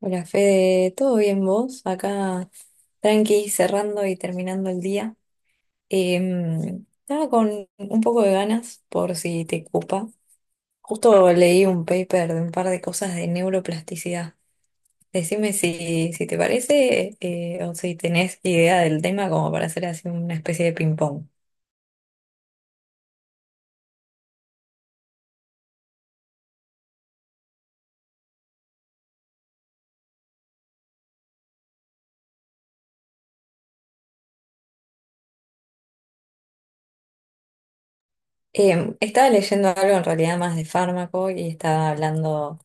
Hola Fede, ¿todo bien vos? Acá tranqui, cerrando y terminando el día. Estaba con un poco de ganas, por si te ocupa. Justo leí un paper de un par de cosas de neuroplasticidad. Decime si te parece, o si tenés idea del tema como para hacer así una especie de ping-pong. Estaba leyendo algo en realidad más de fármaco y estaba hablando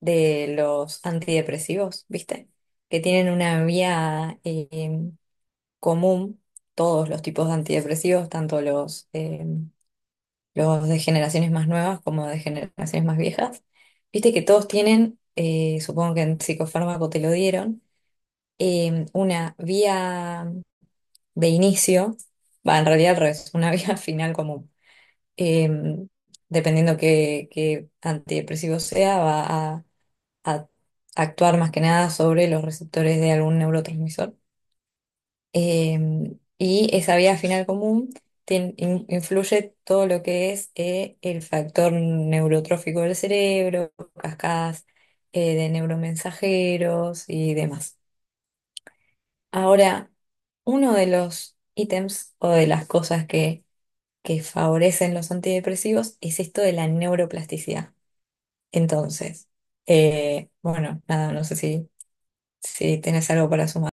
de los antidepresivos, ¿viste? Que tienen una vía común, todos los tipos de antidepresivos, tanto los de generaciones más nuevas como de generaciones más viejas. Viste que todos tienen, supongo que en psicofármaco te lo dieron, una vía de inicio, va, en realidad al revés, una vía final común. Eh, dependiendo qué antidepresivo sea, va a a actuar más que nada sobre los receptores de algún neurotransmisor. Y esa vía final común influye todo lo que es el factor neurotrófico del cerebro, cascadas de neuromensajeros y demás. Ahora, uno de los ítems o de las cosas que favorecen los antidepresivos es esto de la neuroplasticidad. Entonces, bueno, nada, no sé si tenés algo para sumar.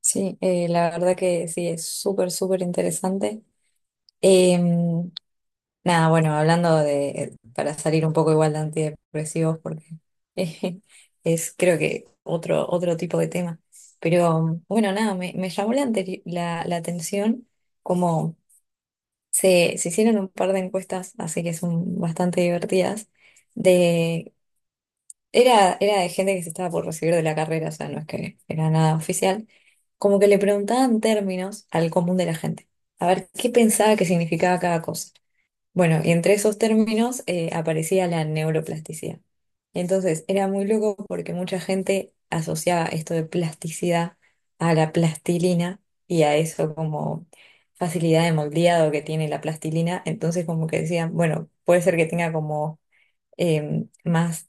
Sí, la verdad que sí, es súper, súper interesante. Em, Nada, bueno, hablando de, para salir un poco igual de antidepresivos, porque eh, es creo que otro, otro tipo de tema. Pero bueno, nada, me llamó la atención como se hicieron un par de encuestas, así que son bastante divertidas, de, era, era de gente que se estaba por recibir de la carrera, o sea, no es que era nada oficial, como que le preguntaban términos al común de la gente, a ver qué pensaba que significaba cada cosa. Bueno, y entre esos términos aparecía la neuroplasticidad. Entonces, era muy loco porque mucha gente asociaba esto de plasticidad a la plastilina y a eso como facilidad de moldeado que tiene la plastilina. Entonces, como que decían, bueno, puede ser que tenga como más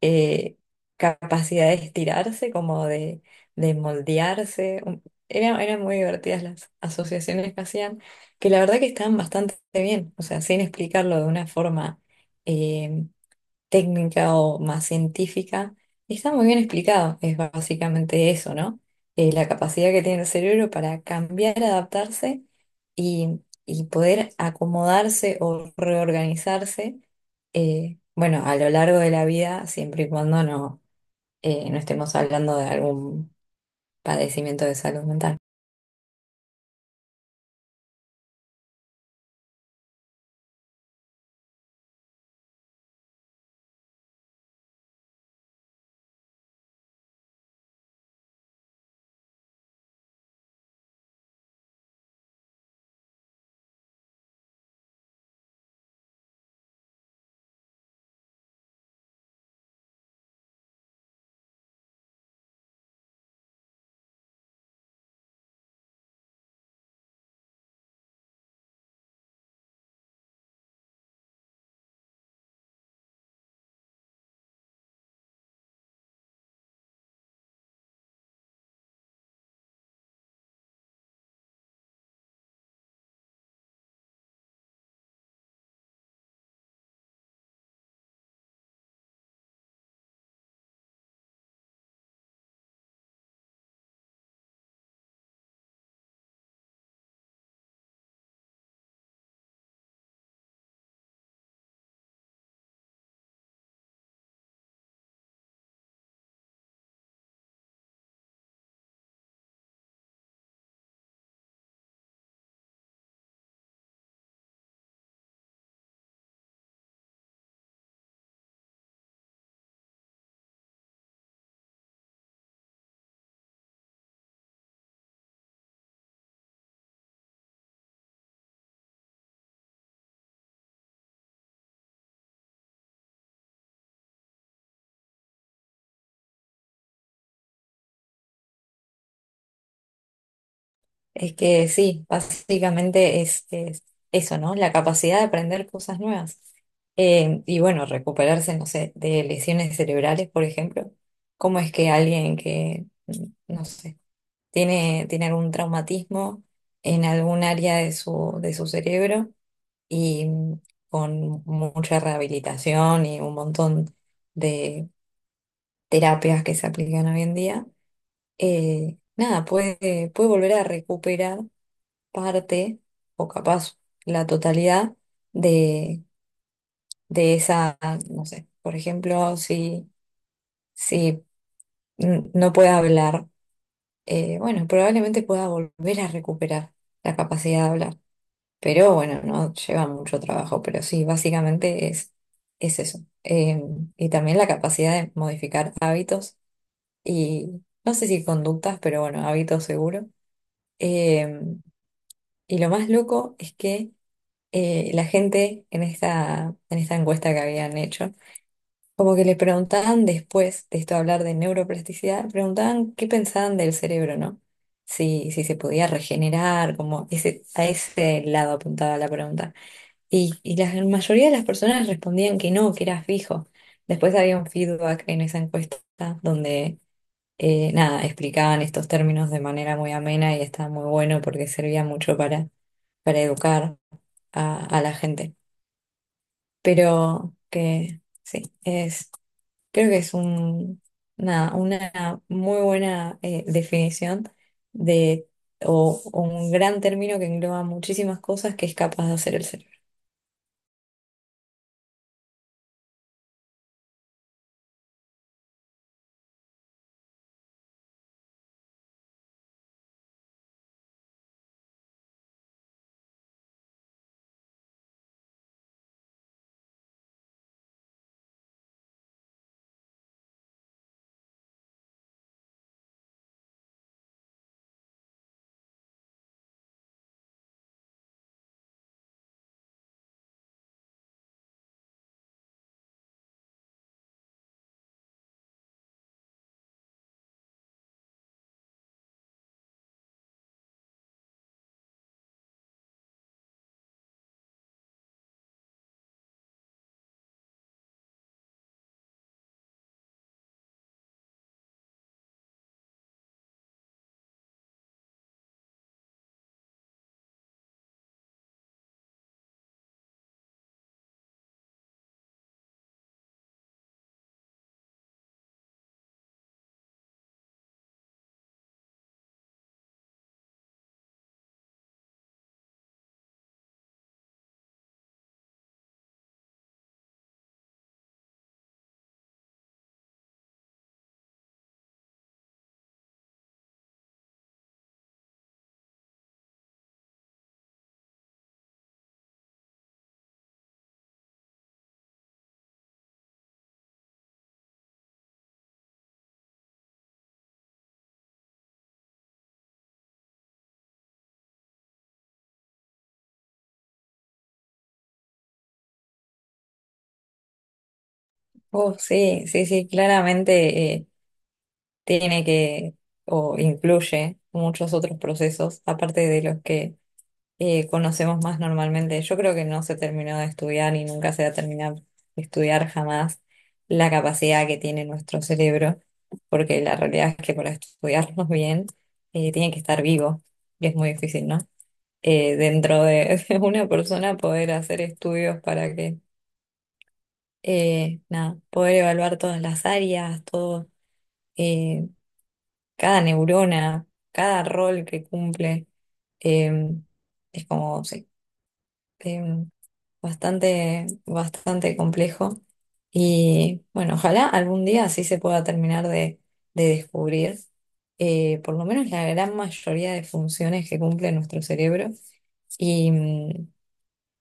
eh, capacidad de estirarse, como de moldearse. Era, eran muy divertidas las asociaciones que hacían, que la verdad que estaban bastante bien, o sea, sin explicarlo de una forma eh, técnica o más científica, y está muy bien explicado. Es básicamente eso, ¿no? La capacidad que tiene el cerebro para cambiar, adaptarse y, y poder acomodarse o reorganizarse, bueno, a lo largo de la vida, siempre y cuando no, no estemos hablando de algún padecimiento de salud mental. Es que sí, básicamente es eso, ¿no? La capacidad de aprender cosas nuevas. Y bueno, recuperarse, no sé, de lesiones cerebrales, por ejemplo. ¿Cómo es que alguien que, no sé, tiene, tiene algún traumatismo en algún área de su cerebro y con mucha rehabilitación y un montón de terapias que se aplican hoy en día, nada, puede, puede volver a recuperar parte o capaz la totalidad de, de esa, no sé, por ejemplo, si no puede hablar, bueno, probablemente pueda volver a recuperar la capacidad de hablar, pero bueno, no lleva mucho trabajo, pero sí, básicamente es eso. Y también la capacidad de modificar hábitos y no sé si conductas, pero bueno, hábitos seguro. Eh, y lo más loco es que la gente en esta encuesta que habían hecho, como que le preguntaban después de esto hablar de neuroplasticidad, preguntaban qué pensaban del cerebro, ¿no? Si se podía regenerar, como ese, a ese lado apuntaba la pregunta. Y la mayoría de las personas respondían que no, que era fijo. Después había un feedback en esa encuesta donde, nada, explicaban estos términos de manera muy amena y estaba muy bueno porque servía mucho para educar a la gente, pero que sí, es, creo que es un, una muy buena definición de, o un gran término que engloba muchísimas cosas que es capaz de hacer el cerebro. Oh, sí, sí, sí, claramente tiene que, o incluye muchos otros procesos, aparte de los que conocemos más normalmente. Yo creo que no se terminó de estudiar y nunca se va a terminar de estudiar jamás la capacidad que tiene nuestro cerebro, porque la realidad es que para estudiarnos bien tiene que estar vivo y es muy difícil, ¿no? Dentro de, de una persona poder hacer estudios para que, nada, poder evaluar todas las áreas, todo, eh, cada neurona, cada rol que cumple. em, es como, sí. em, Bastante, bastante complejo. Y bueno, ojalá algún día así se pueda terminar de descubrir por lo menos la gran mayoría de funciones que cumple nuestro cerebro y,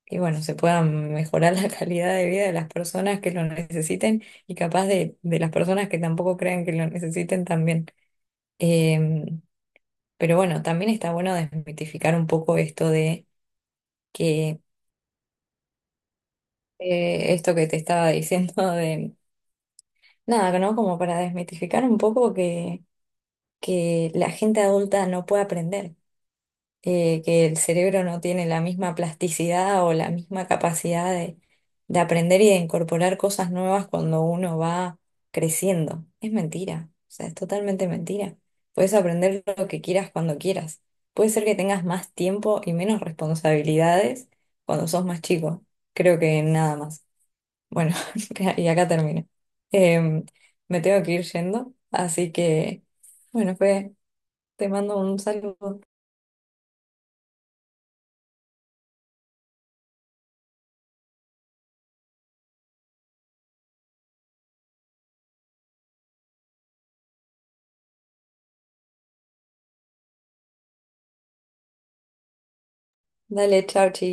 y bueno, se pueda mejorar la calidad de vida de las personas que lo necesiten y capaz de las personas que tampoco crean que lo necesiten también. Em, pero bueno, también está bueno desmitificar un poco esto de que esto que te estaba diciendo de nada, ¿no? Como para desmitificar un poco que la gente adulta no puede aprender, que el cerebro no tiene la misma plasticidad o la misma capacidad de aprender y de incorporar cosas nuevas cuando uno va creciendo. Es mentira, o sea, es totalmente mentira. Puedes aprender lo que quieras cuando quieras. Puede ser que tengas más tiempo y menos responsabilidades cuando sos más chico. Creo que nada más. Bueno, y acá termino. Em, Me tengo que ir yendo, así que, bueno, pues te mando un saludo. Dale, chao, chi.